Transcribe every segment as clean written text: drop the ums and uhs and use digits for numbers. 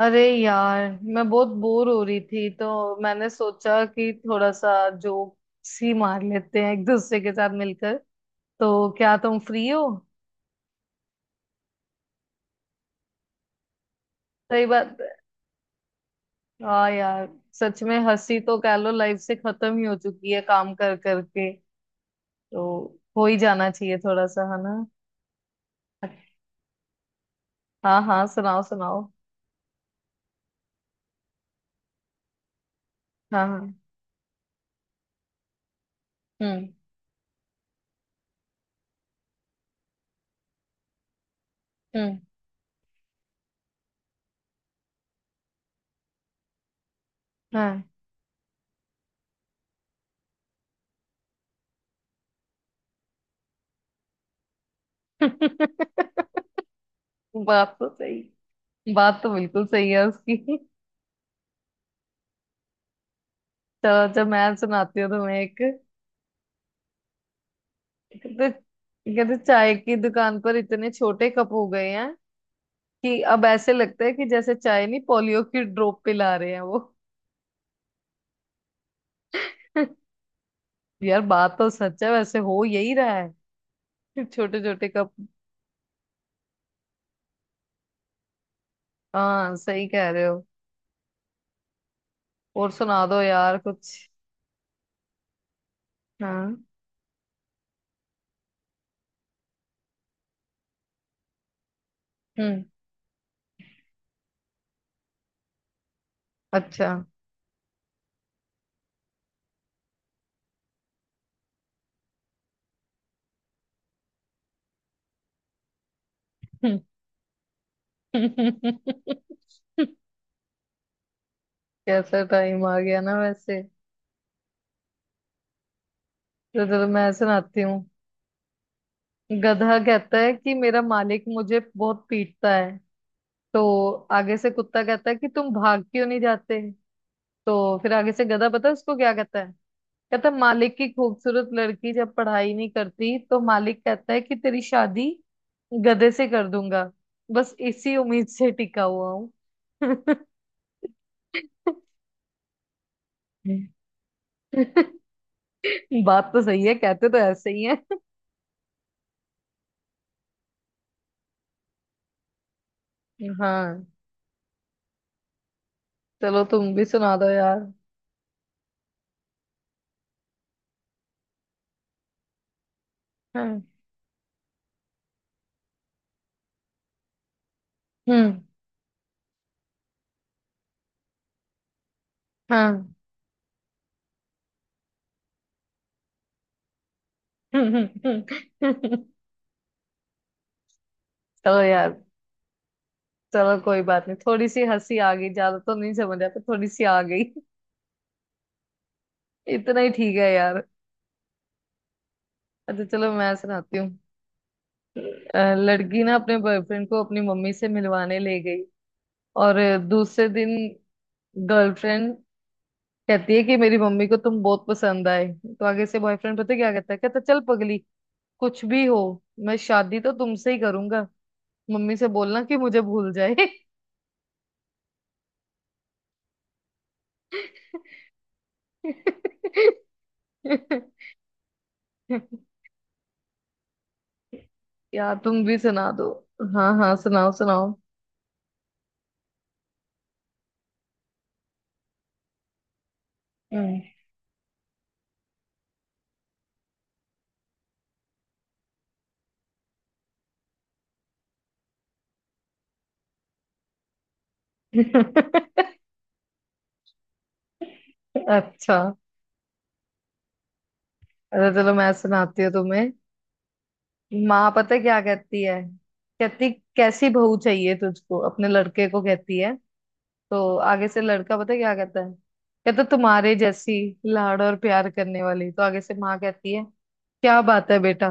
अरे यार, मैं बहुत बोर हो रही थी तो मैंने सोचा कि थोड़ा सा जोक्स ही मार लेते हैं एक दूसरे के साथ मिलकर। तो क्या तुम फ्री हो? सही बात है। हाँ यार, सच में हंसी तो कह लो लाइफ से खत्म ही हो चुकी है काम कर करके। तो हो ही जाना चाहिए थोड़ा सा, है ना। हाँ हाँ, सुनाओ सुनाओ। हाँ हाँ। हम्म। हम्म। हाँ। बात तो सही। बात तो बिल्कुल सही है उसकी। तो जब मैं सुनाती हूँ तुम्हें एक। कहते कहते चाय की दुकान पर इतने छोटे कप हो गए हैं कि अब ऐसे लगता है कि जैसे चाय नहीं पोलियो की ड्रॉप पिला रहे हैं वो। यार, बात तो सच है, वैसे हो यही रहा है। छोटे छोटे कप। हाँ सही कह रहे हो। और सुना दो यार कुछ। हाँ। हम्म। अच्छा। हम्म। कैसा टाइम आ गया ना वैसे। तो चलो मैं सुनाती हूँ। गधा कहता है कि मेरा मालिक मुझे बहुत पीटता है। तो आगे से कुत्ता कहता है कि तुम भाग क्यों नहीं जाते। तो फिर आगे से गधा, पता है उसको क्या कहता है। कहता है मालिक की खूबसूरत लड़की जब पढ़ाई नहीं करती तो मालिक कहता है कि तेरी शादी गधे से कर दूंगा। बस इसी उम्मीद से टिका हुआ हूँ। बात तो सही है, कहते तो ऐसे ही है। हाँ। चलो तुम भी सुना दो यार। हाँ। हम्म। हाँ। चलो। यार, चलो कोई बात नहीं, थोड़ी सी हंसी आ गई, ज्यादा तो नहीं समझ आता, थोड़ी सी आ गई। इतना ही ठीक है यार। अच्छा चलो मैं सुनाती हूँ। लड़की ना अपने बॉयफ्रेंड को अपनी मम्मी से मिलवाने ले गई और दूसरे दिन गर्लफ्रेंड कहती है कि मेरी मम्मी को तुम बहुत पसंद आए। तो आगे से बॉयफ्रेंड पता है क्या कहता है। कहता चल पगली, कुछ भी हो, मैं शादी तो तुमसे ही करूंगा। मम्मी से बोलना कि मुझे भूल जाए। यार तुम भी सुना दो। हाँ हाँ, सुनाओ सुनाओ। हम्म। अच्छा। अरे चलो मैं सुनाती हूँ तुम्हें। माँ पता है क्या कहती है। कहती कैसी बहू चाहिए तुझको, अपने लड़के को कहती है। तो आगे से लड़का पता है क्या कहता है। कहता तुम्हारे जैसी, लाड़ और प्यार करने वाली। तो आगे से माँ कहती है क्या बात है बेटा,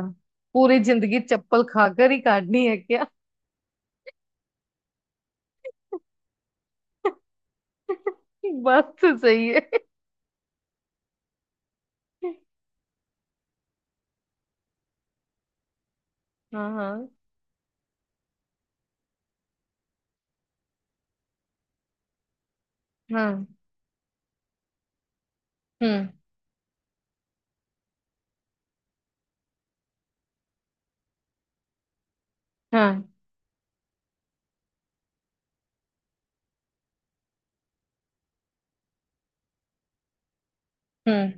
पूरी जिंदगी चप्पल खाकर ही काटनी है क्या। बात तो सही है। हाँ हाँ हाँ। हम्म। हाँ। हम्म।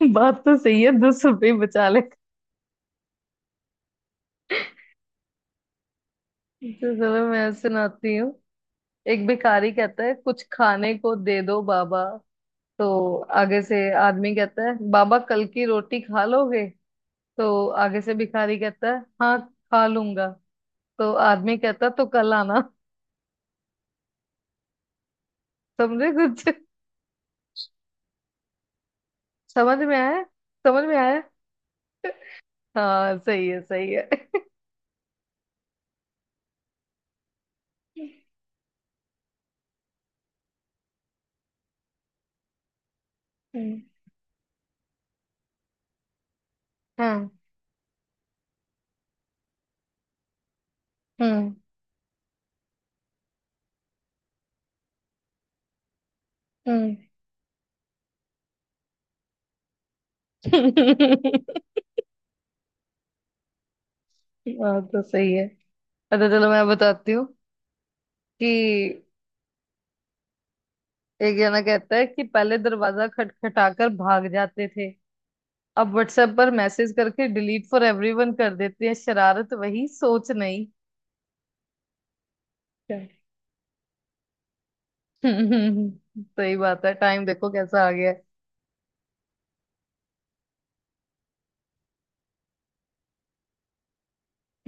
बात तो सही है, 10 रुपये बचा ले। तो चलो मैं सुनाती हूँ। एक भिखारी कहता है कुछ खाने को दे दो बाबा। तो आगे से आदमी कहता है बाबा कल की रोटी खा लोगे। तो आगे से भिखारी कहता है हाँ, खा लूंगा। तो आदमी कहता है, तो कल आना। समझे कुछ? समझ में आया। समझ में आया। हाँ सही है सही है। हम्म। हाँ। हम्म। हम्म। बात तो सही है। अच्छा चलो मैं बताती हूँ कि एक जना कहता है कि पहले दरवाजा खटखटाकर भाग जाते थे, अब व्हाट्सएप पर मैसेज करके डिलीट फॉर एवरीवन कर देते हैं। शरारत वही, सोच नहीं। क्या? हम्म, सही बात है, टाइम देखो कैसा आ गया है।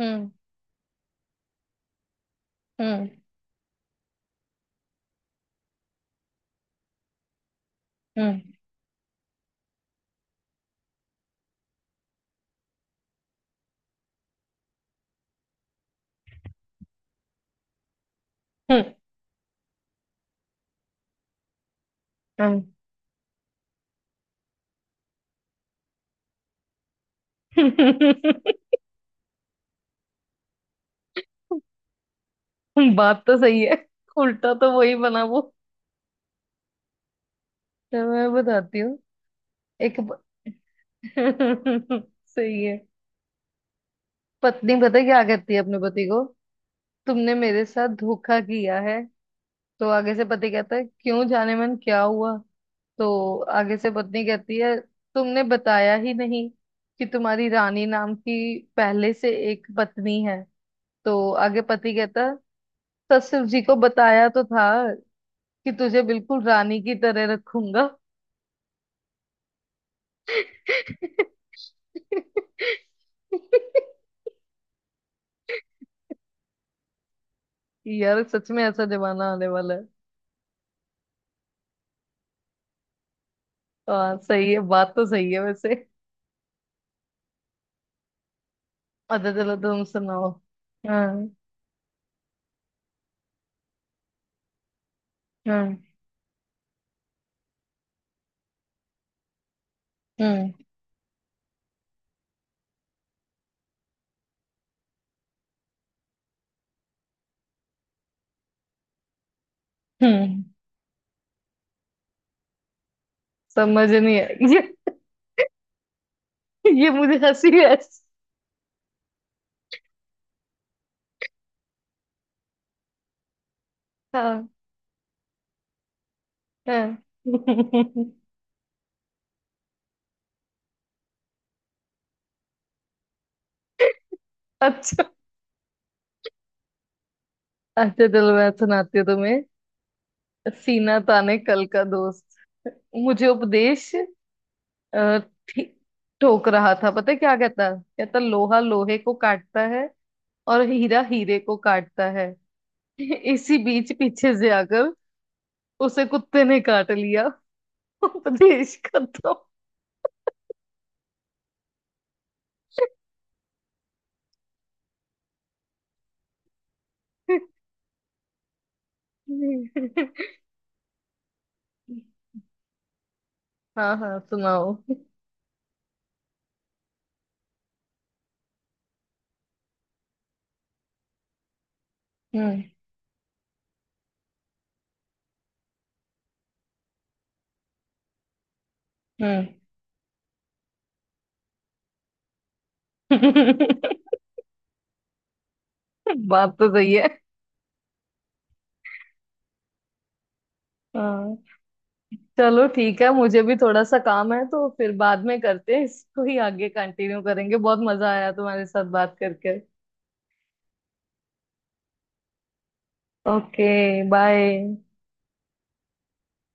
हम्म। हम्म। हम्म। हम्म, बात तो सही है, उल्टा तो वही बना वो। चलो मैं बताती हूँ। एक ब- सही है। पत्नी पता है क्या कहती है अपने पति को, तुमने मेरे साथ धोखा किया है। तो आगे से पति कहता है क्यों, जाने मन क्या हुआ। तो आगे से पत्नी कहती है तुमने बताया ही नहीं कि तुम्हारी रानी नाम की पहले से एक पत्नी है। तो आगे पति कहता ससुर जी को बताया तो था कि तुझे बिल्कुल रानी की तरह रखूंगा। यार सच में ऐसा जमाना आने वाला है। हाँ सही है, बात तो सही है वैसे। अच्छा चलो तुम सुनाओ। हाँ। हाँ। हम्म। हम्म। समझ नहीं है ये ये मुझे हंसी है। हाँ। हाँ। अच्छा। अच्छा चलो मैं सुनाती हूँ तुम्हें। सीना ताने कल का दोस्त मुझे उपदेश अ, ठी- ठोक रहा था। पता है क्या कहता, कहता लोहा लोहे को काटता है और हीरा हीरे को काटता है। इसी बीच पीछे से आकर उसे कुत्ते ने काट लिया। उपदेश खत्म। हाँ हाँ सुनाओ। हम्म। हम्म। बात तो सही है। हाँ। चलो ठीक है, मुझे भी थोड़ा सा काम है तो फिर बाद में करते हैं, इसको ही आगे कंटिन्यू करेंगे। बहुत मजा आया तुम्हारे साथ बात करके। ओके। बाय।